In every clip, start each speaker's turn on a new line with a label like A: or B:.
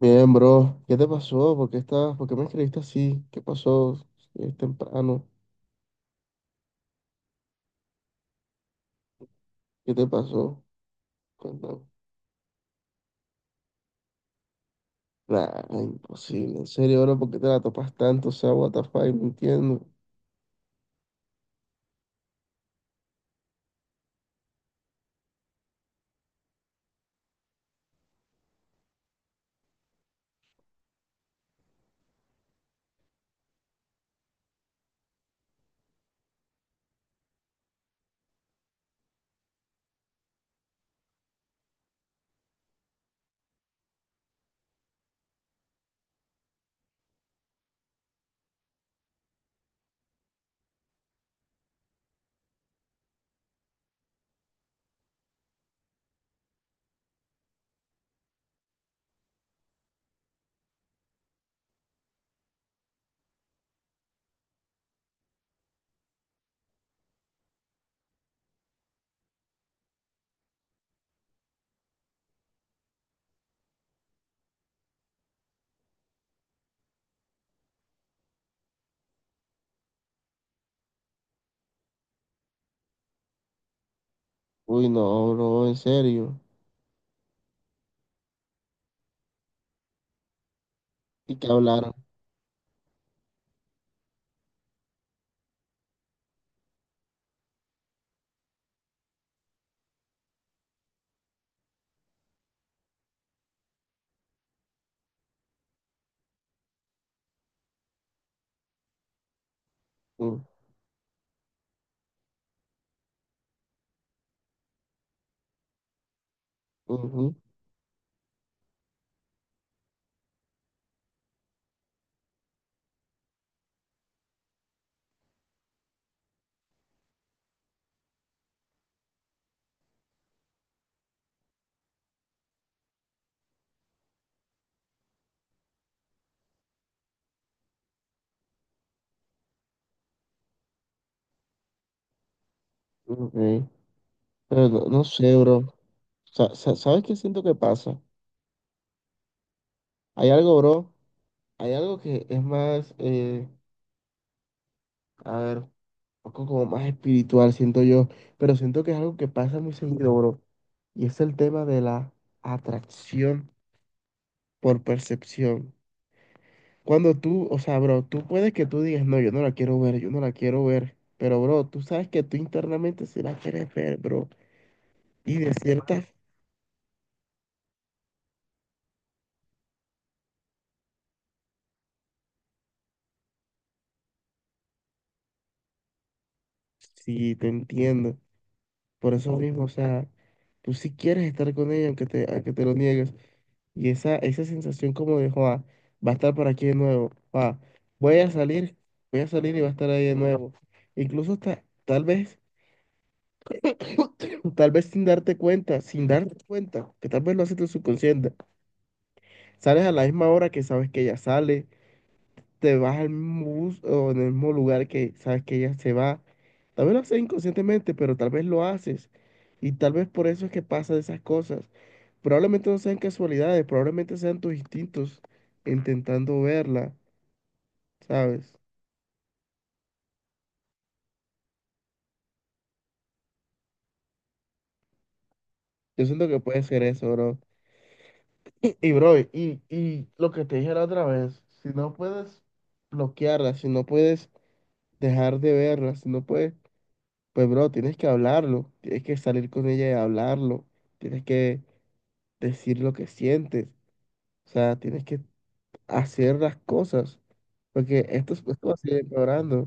A: Bien, bro, ¿qué te pasó? ¿Por qué estás? ¿Por qué me escribiste así? ¿Qué pasó? Es temprano. ¿Qué te pasó? Cuéntame. Nah, imposible. En serio, bro, ¿por qué te la topas tanto? O sea, what the fuck, no entiendo. Uy, no, bro, en serio. ¿Y qué hablaron? Mm, ujú, ok. Pero no, no sé, bro. ¿Sabes qué siento que pasa? Hay algo, bro. Hay algo que es más, a ver. Poco como más espiritual, siento yo, pero siento que es algo que pasa muy seguido, bro, y es el tema de la atracción por percepción. Cuando tú, o sea, bro, tú puedes que tú digas, no, yo no la quiero ver, yo no la quiero ver, pero, bro, tú sabes que tú internamente sí la quieres ver, bro, y de ciertas sí, te entiendo, por eso mismo, o sea, tú sí quieres estar con ella, aunque te lo niegues. Y esa sensación como de, joa, va a estar por aquí de nuevo, joa, voy a salir, voy a salir y va a estar ahí de nuevo. Incluso hasta, tal vez, tal vez sin darte cuenta, sin darte cuenta, que tal vez lo haces tu subconsciente. Sales a la misma hora que sabes que ella sale, te vas al mismo bus o en el mismo lugar que sabes que ella se va. Tal vez lo haces inconscientemente, pero tal vez lo haces. Y tal vez por eso es que pasan esas cosas. Probablemente no sean casualidades, probablemente sean tus instintos intentando verla, ¿sabes? Yo siento que puede ser eso, bro. Y, bro, y lo que te dije la otra vez, si no puedes bloquearla, si no puedes dejar de verla, si no puedes, pues, bro, tienes que hablarlo, tienes que salir con ella y hablarlo, tienes que decir lo que sientes, o sea, tienes que hacer las cosas, porque esto va a seguir empeorando.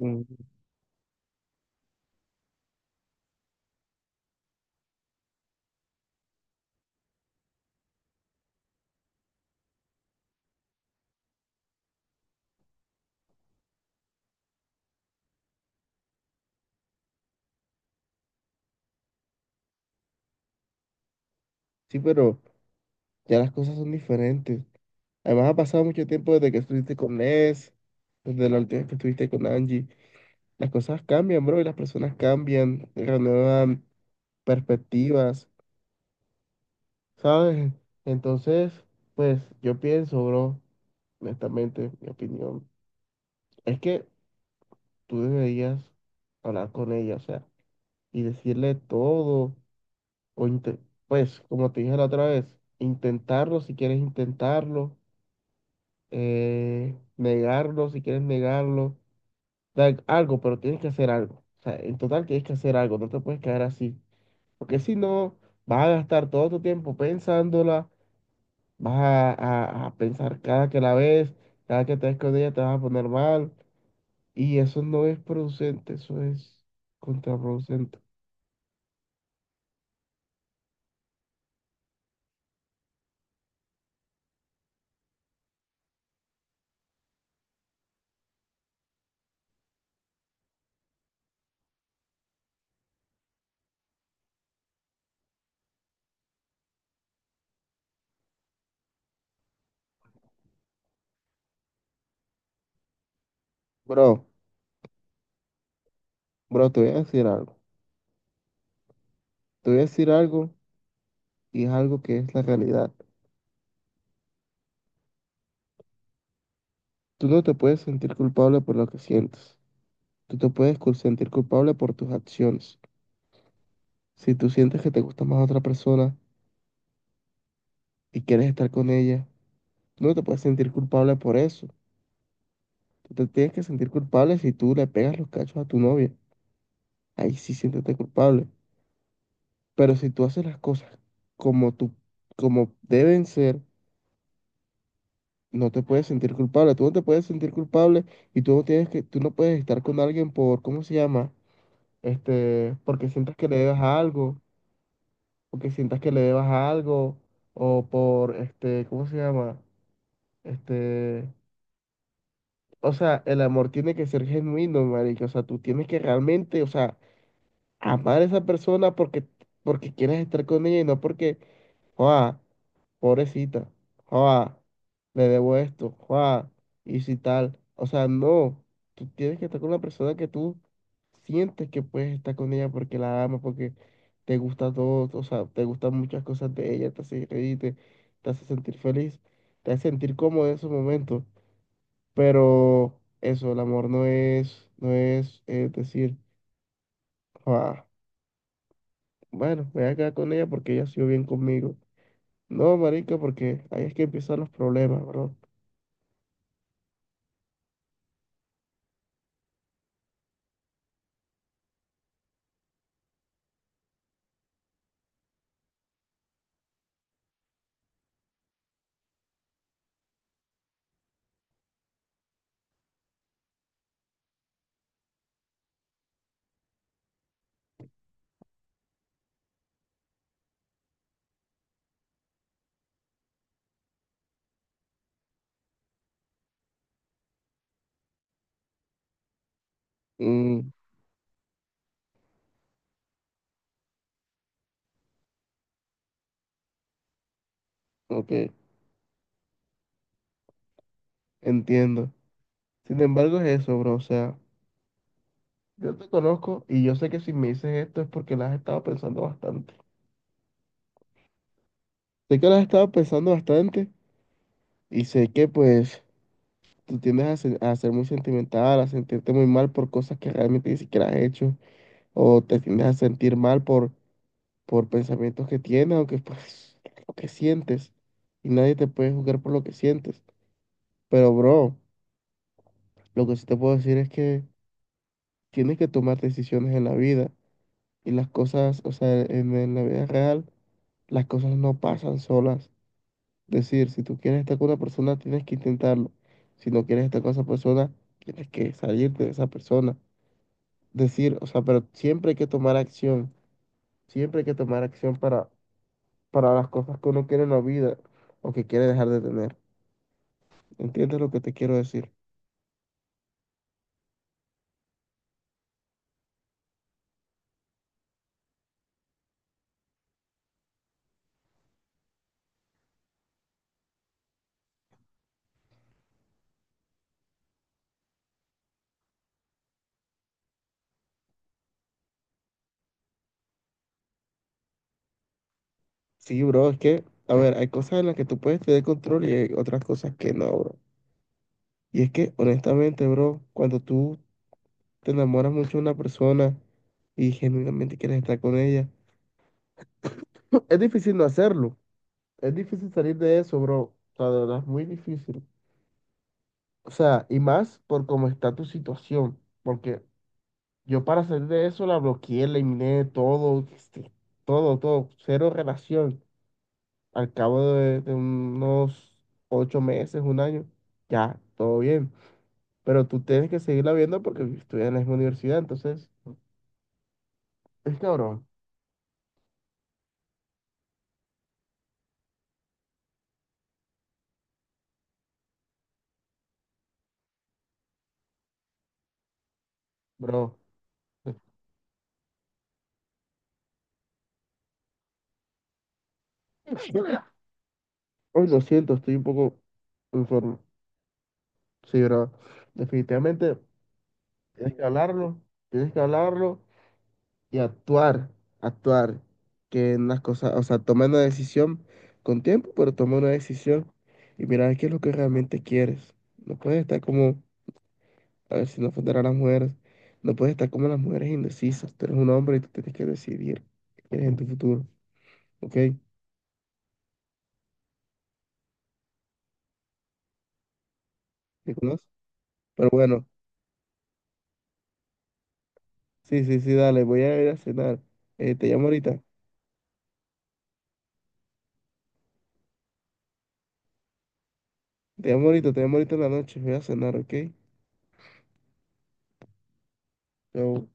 A: Mm, sí, pero ya las cosas son diferentes. Además, ha pasado mucho tiempo desde que estuviste con Ness, desde la última vez que estuviste con Angie. Las cosas cambian, bro, y las personas cambian, renuevan perspectivas, ¿sabes? Entonces, pues yo pienso, bro, honestamente, mi opinión, es que tú deberías hablar con ella, o sea, y decirle todo, o inte- pues, como te dije la otra vez, intentarlo si quieres intentarlo, negarlo si quieres negarlo algo, pero tienes que hacer algo. O sea, en total tienes que hacer algo, no te puedes quedar así. Porque si no, vas a gastar todo tu tiempo pensándola, vas a, a pensar cada que la ves, cada que te ves con ella te vas a poner mal. Y eso no es producente, eso es contraproducente. Bro, bro, te voy a decir algo. Te voy a decir algo y es algo que es la realidad. Tú no te puedes sentir culpable por lo que sientes. Tú te puedes sentir culpable por tus acciones. Si tú sientes que te gusta más otra persona, y quieres estar con ella, no te puedes sentir culpable por eso. Tú te tienes que sentir culpable si tú le pegas los cachos a tu novia. Ahí sí siéntete culpable. Pero si tú haces las cosas como tú, como deben ser, no te puedes sentir culpable. Tú no te puedes sentir culpable y tú no tienes que, tú no puedes estar con alguien por, ¿cómo se llama? Este, porque sientas que le debas a algo, porque sientas que le debas a algo, o por, este, ¿cómo se llama? Este, o sea, el amor tiene que ser genuino, marica. O sea, tú tienes que realmente, o sea, amar a esa persona porque, porque quieres estar con ella y no porque, joa, pobrecita, joa, le debo esto, joa, y si tal. O sea, no. Tú tienes que estar con la persona que tú sientes que puedes estar con ella porque la amas, porque te gusta todo, o sea, te gustan muchas cosas de ella, te hace reír, te hace sentir feliz, te hace sentir cómodo en esos momentos. Pero eso, el amor no es, no es, decir, "Ah, bueno, me voy a quedar con ella porque ella ha sido bien conmigo. No, marica, porque ahí es que empiezan los problemas, bro. Mm, ok, entiendo. Sin embargo, es eso, bro. O sea, yo te conozco y yo sé que si me dices esto es porque la has estado pensando bastante. Sé que la has estado pensando bastante y sé que pues tú tiendes a ser muy sentimental, a sentirte muy mal por cosas que realmente ni siquiera has hecho, o te tiendes a sentir mal por pensamientos que tienes o que, pues, lo que sientes. Y nadie te puede juzgar por lo que sientes. Pero, bro, lo que sí te puedo decir es que tienes que tomar decisiones en la vida. Y las cosas, o sea, en la vida real, las cosas no pasan solas. Es decir, si tú quieres estar con una persona, tienes que intentarlo. Si no quieres estar con esa persona, tienes que salirte de esa persona. Decir, o sea, pero siempre hay que tomar acción. Siempre hay que tomar acción para las cosas que uno quiere en la vida o que quiere dejar de tener. ¿Entiendes lo que te quiero decir? Sí, bro, es que, a ver, hay cosas en las que tú puedes tener control y hay otras cosas que no, bro. Y es que, honestamente, bro, cuando tú te enamoras mucho de una persona y genuinamente quieres estar con ella, es difícil no hacerlo. Es difícil salir de eso, bro. O sea, de verdad es muy difícil. O sea, y más por cómo está tu situación, porque yo para salir de eso la bloqueé, la eliminé todo, este, todo, todo, cero relación. Al cabo de unos ocho meses, un año, ya, todo bien. Pero tú tienes que seguirla viendo porque estudias en la misma universidad, entonces, es cabrón, bro. Hoy lo siento, estoy un poco informe. Sí, bro. Definitivamente tienes que hablarlo, tienes que hablarlo y actuar, actuar, que en las cosas, o sea, toma una decisión con tiempo, pero toma una decisión y mira qué es lo que realmente quieres. No puedes estar como, a ver si no ofender a las mujeres, no puedes estar como las mujeres indecisas. Tú eres un hombre y tú tienes que decidir qué quieres en tu futuro, ¿ok? ¿Me conoces? Pero bueno, sí, sí, sí, dale, voy a ir a cenar. Te llamo ahorita, te llamo ahorita, te llamo ahorita en la noche, voy a cenar, ¿ok? Chao.